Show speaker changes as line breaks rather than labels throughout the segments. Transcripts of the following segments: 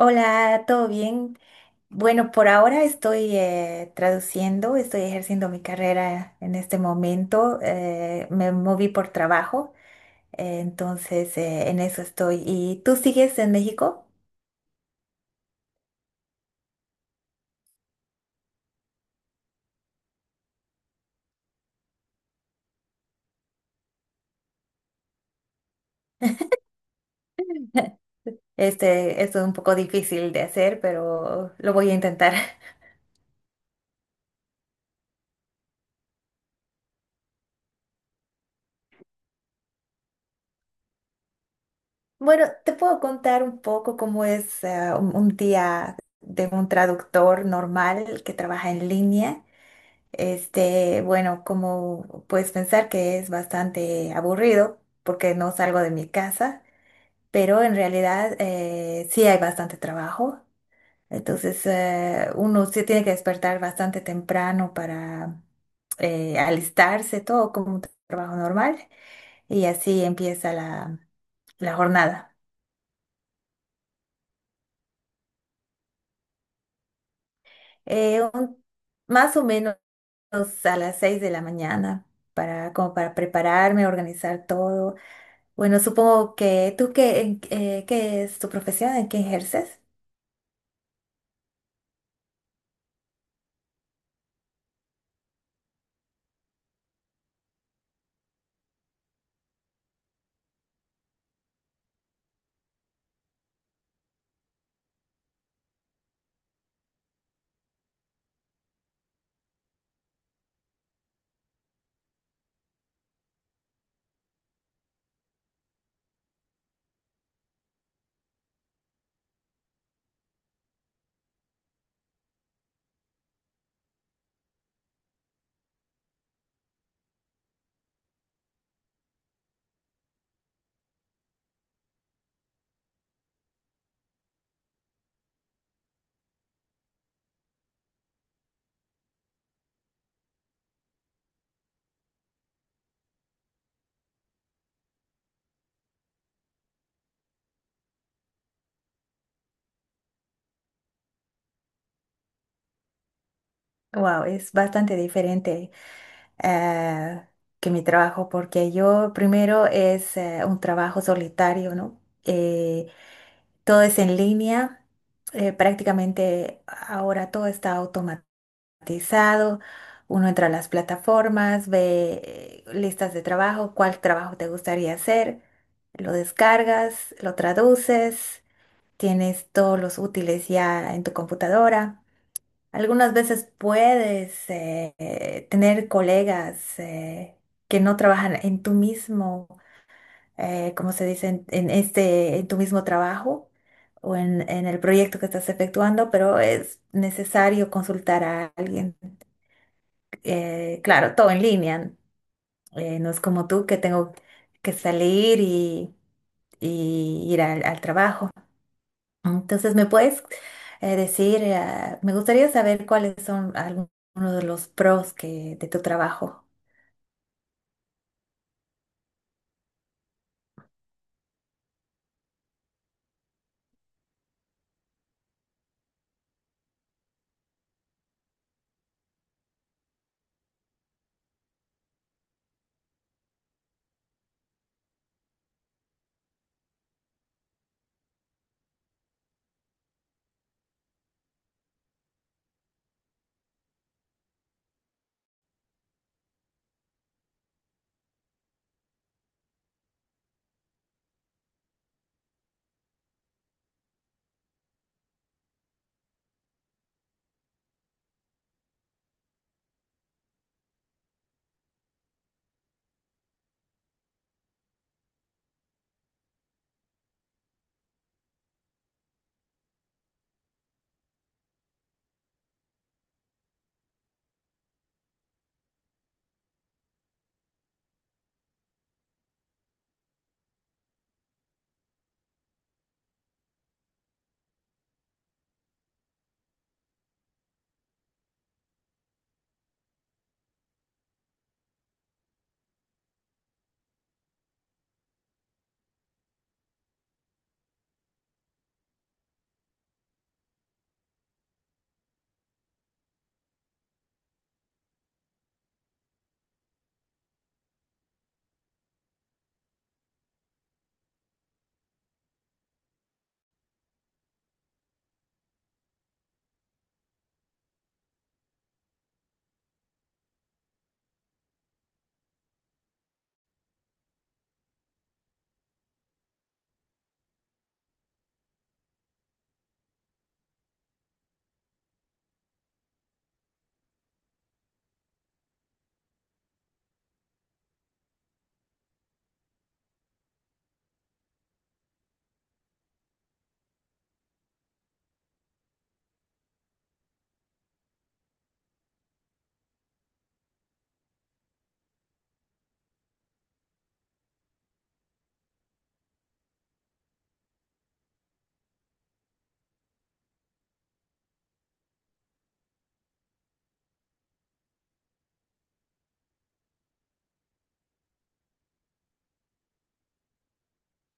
Hola, ¿todo bien? Bueno, por ahora estoy traduciendo, estoy ejerciendo mi carrera en este momento. Me moví por trabajo, en eso estoy. ¿Y tú sigues en México? Esto es un poco difícil de hacer, pero lo voy a intentar. Bueno, te puedo contar un poco cómo es un día de un traductor normal que trabaja en línea. Bueno, como puedes pensar que es bastante aburrido porque no salgo de mi casa, pero en realidad sí hay bastante trabajo. Entonces, uno sí tiene que despertar bastante temprano para alistarse todo como un trabajo normal y así empieza la jornada. Eh, un- Más o menos a las 6 de la mañana para, como para prepararme, organizar todo. Bueno, supongo que tú ¿qué es tu profesión? ¿En qué ejerces? Wow, es bastante diferente eh, que mi trabajo, porque yo primero es un trabajo solitario, ¿no? Todo es en línea, prácticamente ahora todo está automatizado. Uno entra a las plataformas, ve listas de trabajo, cuál trabajo te gustaría hacer, lo descargas, lo traduces. Tienes todos los útiles ya en tu computadora. Algunas veces puedes tener colegas que no trabajan en tu mismo, como se dice, en este, en tu mismo trabajo o en el proyecto que estás efectuando, pero es necesario consultar a alguien. Claro, todo en línea. No es como tú que tengo que salir y ir al trabajo. Entonces, ¿me puedes me gustaría saber cuáles son algunos de los pros de tu trabajo?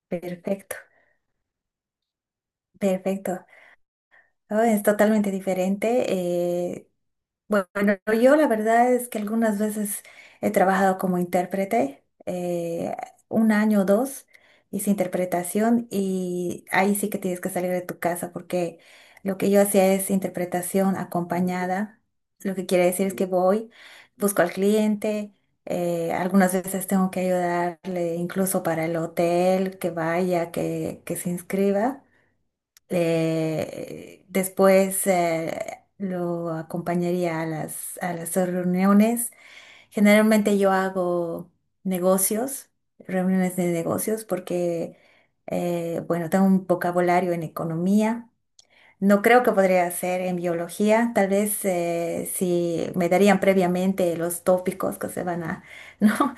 Perfecto, perfecto. Oh, es totalmente diferente. Bueno, yo la verdad es que algunas veces he trabajado como intérprete, un año o dos hice interpretación y ahí sí que tienes que salir de tu casa porque lo que yo hacía es interpretación acompañada. Lo que quiere decir es que voy, busco al cliente, algunas veces tengo que ayudarle incluso para el hotel, que vaya, que se inscriba. Después lo acompañaría a a las reuniones. Generalmente yo hago negocios, reuniones de negocios, porque, bueno, tengo un vocabulario en economía. No creo que podría ser en biología. Tal vez si me darían previamente los tópicos que se van a, ¿no?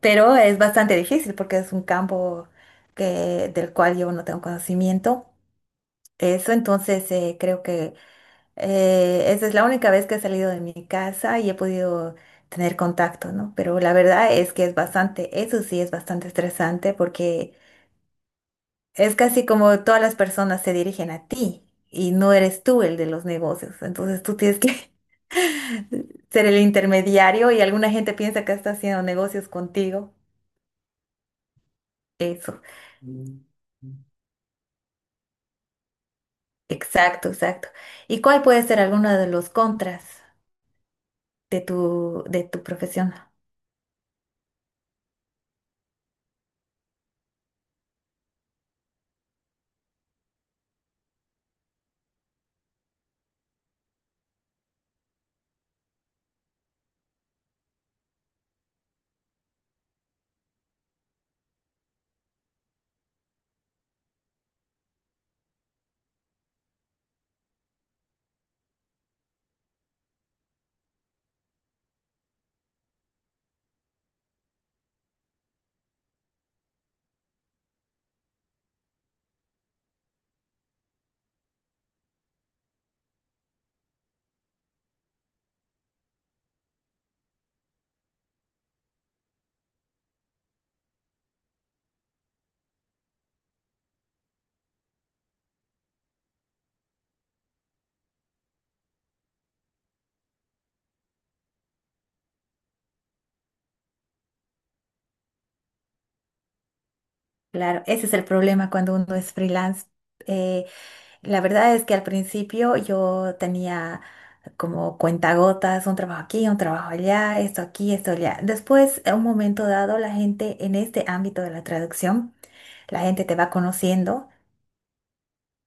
Pero es bastante difícil porque es un campo que, del cual yo no tengo conocimiento. Eso, entonces creo que esa es la única vez que he salido de mi casa y he podido tener contacto, ¿no? Pero la verdad es que es bastante, eso sí es bastante estresante porque es casi como todas las personas se dirigen a ti y no eres tú el de los negocios. Entonces tú tienes que ser el intermediario y alguna gente piensa que está haciendo negocios contigo. Eso, exacto, exacto. ¿Y cuál puede ser alguno de los contras de de tu profesión? Claro, ese es el problema cuando uno es freelance. Eh, la verdad es que al principio yo tenía como cuentagotas, un trabajo aquí, un trabajo allá, esto aquí, esto allá. Después, a un momento dado, la gente en este ámbito de la traducción, la gente te va conociendo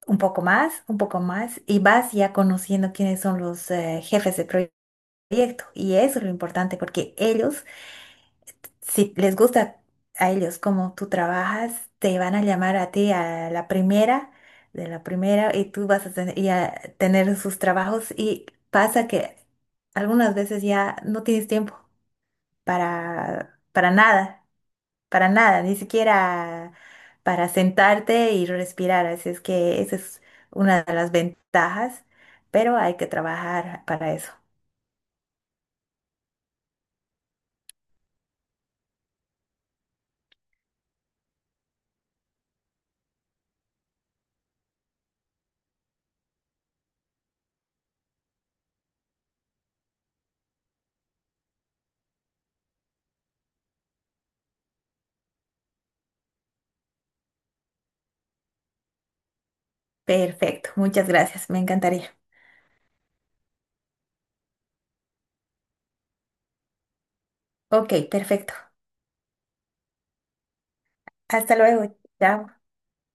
un poco más, y vas ya conociendo quiénes son los jefes de proyecto. Y eso es lo importante porque ellos si les gusta a ellos como tú trabajas, te van a llamar a ti a la primera, de la primera, y tú vas a tener, y a tener sus trabajos. Y pasa que algunas veces ya no tienes tiempo para, para nada, para nada, ni siquiera para sentarte y respirar. Así es que esa es una de las ventajas, pero hay que trabajar para eso. Perfecto, muchas gracias, me encantaría. Ok, perfecto. Hasta luego, chao.